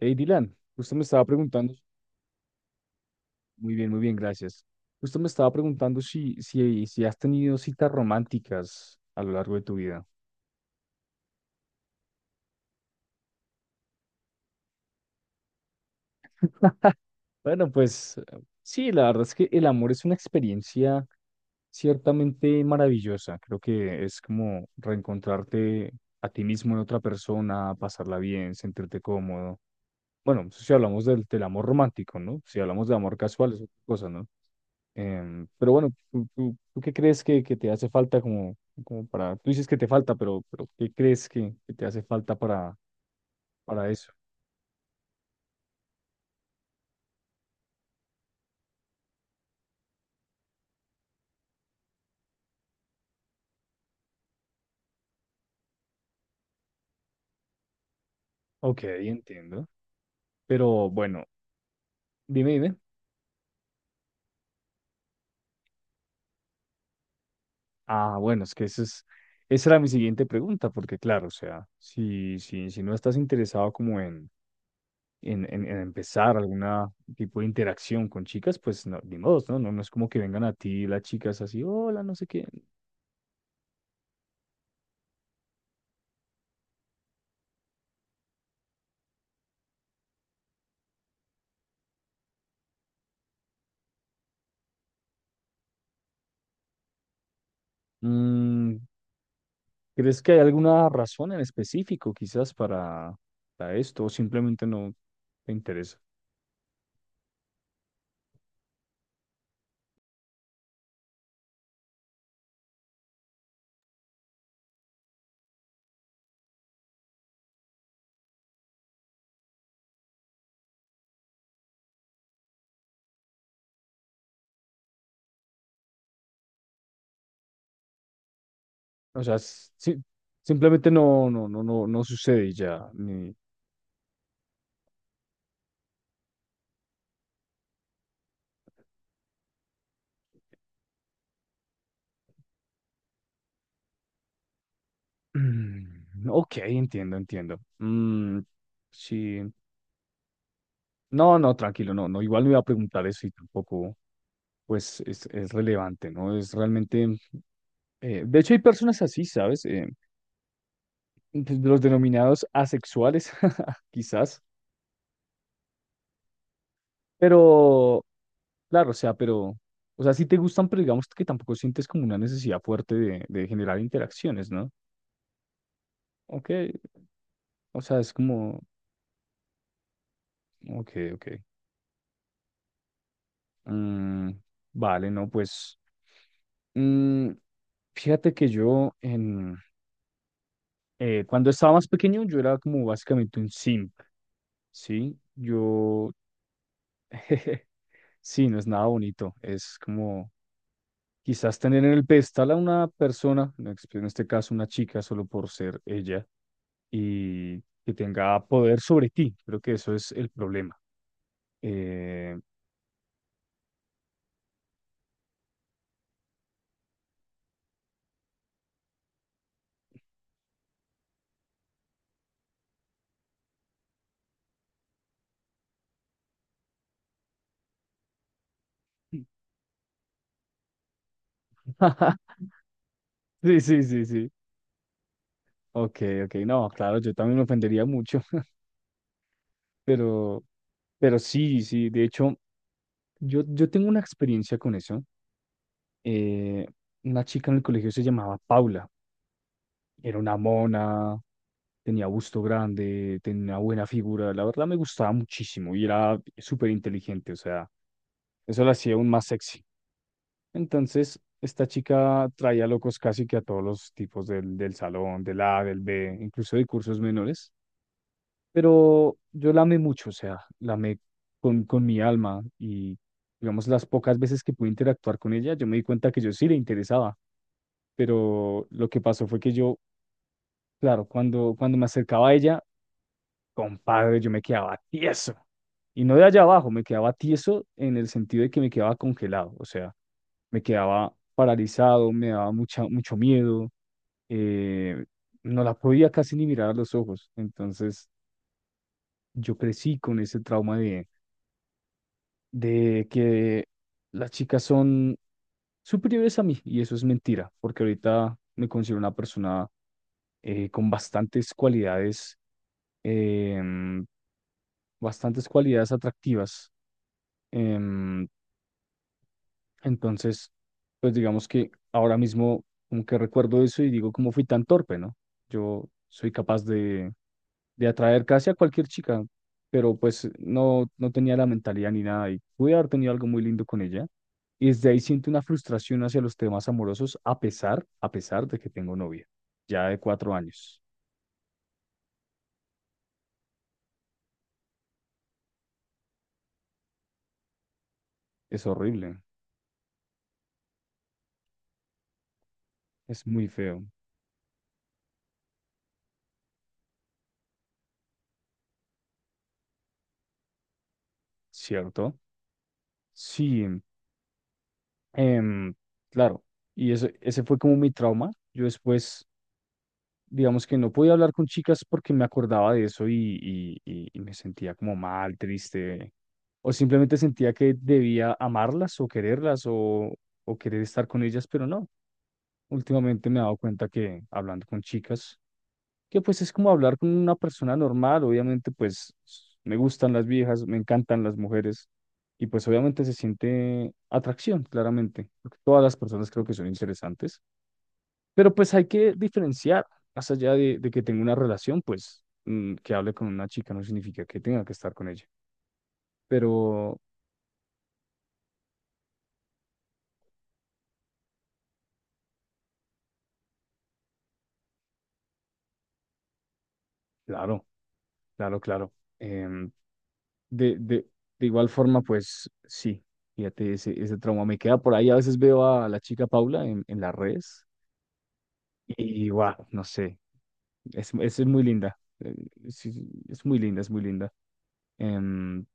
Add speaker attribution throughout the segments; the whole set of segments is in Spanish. Speaker 1: Hey, Dylan, justo me estaba preguntando. Muy bien, muy bien, gracias. Justo me estaba preguntando si has tenido citas románticas a lo largo de tu vida. Bueno, pues sí, la verdad es que el amor es una experiencia ciertamente maravillosa. Creo que es como reencontrarte a ti mismo en otra persona, pasarla bien, sentirte cómodo. Bueno, si hablamos del amor romántico, ¿no? Si hablamos de amor casual, es otra cosa, ¿no? Pero bueno, ¿tú qué crees que te hace falta como, como para... Tú dices que te falta, pero ¿qué crees que te hace falta para eso? OK, entiendo. Pero bueno, dime, dime. Ah, bueno, es que esa era mi siguiente pregunta, porque claro, o sea, si no estás interesado como en, en empezar alguna tipo de interacción con chicas, pues no, ni modo, ¿no? No, no es como que vengan a ti las chicas así, hola, no sé qué. Mm, ¿Crees que hay alguna razón en específico quizás para esto o simplemente no te interesa? O sea, sí, simplemente no sucede y ya. Ni... Mm, OK, entiendo, entiendo. Mm, sí. No, no, tranquilo, no, no. Igual no iba a preguntar eso y tampoco, pues, es relevante, ¿no? Es realmente... de hecho, hay personas así, ¿sabes? Pues, los denominados asexuales, quizás. Pero claro, o sea, pero, o sea, sí te gustan, pero digamos que tampoco sientes como una necesidad fuerte de generar interacciones, ¿no? OK, o sea, es como, OK, OK. Mm, vale, no, pues, mm, fíjate que yo, cuando estaba más pequeño, yo era como básicamente un simp, ¿sí? Yo, sí, no es nada bonito, es como quizás tener en el pedestal a una persona, en este caso una chica, solo por ser ella, y que tenga poder sobre ti. Creo que eso es el problema. Eh, Sí, sí, sí, sí. OK, OK. No, claro, yo también me ofendería mucho, pero, pero sí, sí. De hecho, yo tengo una experiencia con eso. Eh, una chica en el colegio se llamaba Paula. Era una mona, tenía busto grande, tenía una buena figura. La verdad me gustaba muchísimo y era súper inteligente. O sea, eso la hacía aún más sexy. Entonces, esta chica traía locos casi que a todos los tipos del salón, del A, del B, incluso de cursos menores. Pero yo la amé mucho, o sea, la amé con mi alma y, digamos, las pocas veces que pude interactuar con ella, yo me di cuenta que yo sí le interesaba. Pero lo que pasó fue que yo... Claro, cuando, cuando me acercaba a ella, compadre, yo me quedaba tieso. Y no de allá abajo, me quedaba tieso en el sentido de que me quedaba congelado, o sea, me quedaba paralizado, me daba mucho miedo, eh, no la podía casi ni mirar a los ojos. Entonces, yo crecí con ese trauma de que las chicas son superiores a mí, y eso es mentira, porque ahorita me considero una persona con bastantes cualidades, em, bastantes cualidades atractivas. Em, entonces, pues digamos que ahora mismo como que recuerdo eso y digo, ¿cómo fui tan torpe, no? Yo soy capaz de atraer casi a cualquier chica, pero pues no, no tenía la mentalidad ni nada y pude haber tenido algo muy lindo con ella. Y desde ahí siento una frustración hacia los temas amorosos, a pesar de que tengo novia, ya de 4 años. Es horrible, es muy feo, ¿cierto? Sí. Em, claro, y ese fue como mi trauma. Yo después, digamos que no podía hablar con chicas porque me acordaba de eso y me sentía como mal, triste, o simplemente sentía que debía amarlas o quererlas o querer estar con ellas, pero no. Últimamente me he dado cuenta que hablando con chicas que pues es como hablar con una persona normal, obviamente pues me gustan las viejas, me encantan las mujeres y pues obviamente se siente atracción, claramente, porque todas las personas creo que son interesantes, pero pues hay que diferenciar, más allá de que tenga una relación, pues que hable con una chica no significa que tenga que estar con ella, pero claro, claro, claro. em, de, de, de igual forma, pues sí. Fíjate, ese trauma me queda por ahí. A veces veo a la chica Paula en las redes. Y wow, no sé, es muy linda, es, es muy linda, es muy linda. Em,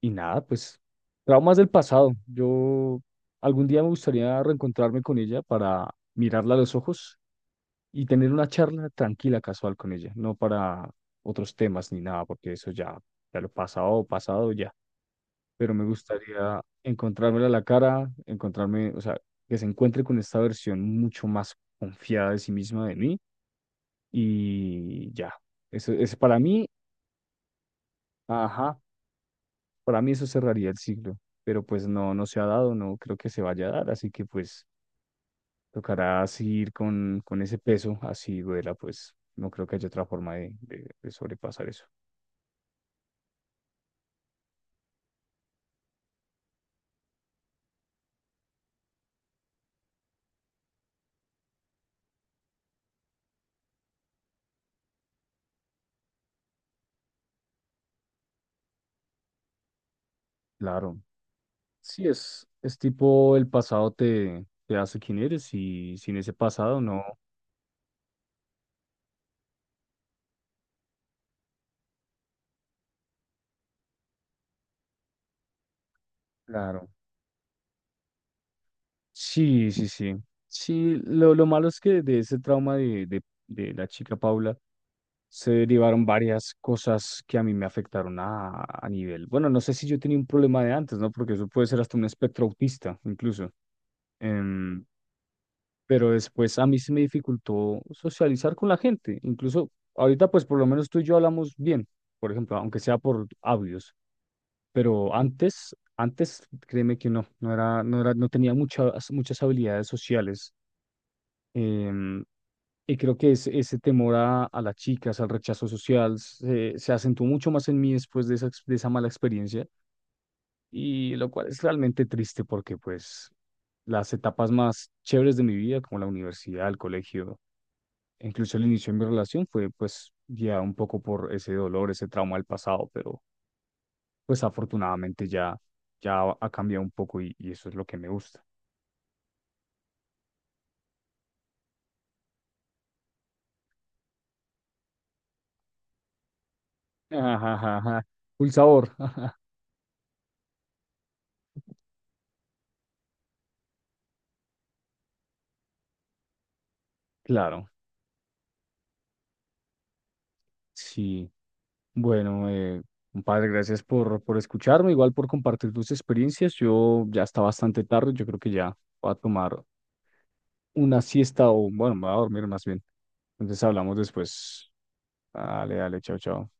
Speaker 1: y nada, pues traumas del pasado. Yo algún día me gustaría reencontrarme con ella para mirarla a los ojos y tener una charla tranquila, casual con ella, no para otros temas ni nada, porque eso ya, ya lo pasado, pasado ya. Pero me gustaría encontrármela a la cara, encontrarme, o sea, que se encuentre con esta versión mucho más confiada de sí misma de mí y ya. Eso es para mí, ajá, para mí eso cerraría el siglo, pero pues no, no se ha dado, no creo que se vaya a dar, así que pues tocará seguir con ese peso, así duela, pues no creo que haya otra forma de, de sobrepasar eso. Claro, sí, es tipo el pasado te hace quien eres y sin ese pasado no, claro. Sí, sí, sí. Sí, lo malo es que de ese trauma de la chica Paula, se derivaron varias cosas que a mí me afectaron a nivel. Bueno, no sé si yo tenía un problema de antes, ¿no? Porque eso puede ser hasta un espectro autista, incluso. Em, pero después a mí se me dificultó socializar con la gente. Incluso ahorita, pues por lo menos tú y yo hablamos bien, por ejemplo, aunque sea por audios. Pero antes, antes, créeme que no era, no era, no tenía muchas, muchas habilidades sociales. Em, y creo que ese temor a las chicas, al rechazo social, se acentuó mucho más en mí después de esa mala experiencia, y lo cual es realmente triste porque pues las etapas más chéveres de mi vida, como la universidad, el colegio, e incluso el inicio de mi relación, fue pues ya un poco por ese dolor, ese trauma del pasado, pero pues afortunadamente ya, ya ha cambiado un poco y eso es lo que me gusta. Ajá, un sabor, claro. Sí. Bueno, compadre, gracias por escucharme, igual por compartir tus experiencias. Yo ya está bastante tarde, yo creo que ya voy a tomar una siesta o, bueno, me voy a dormir más bien. Entonces hablamos después. Dale, dale, chao, chao.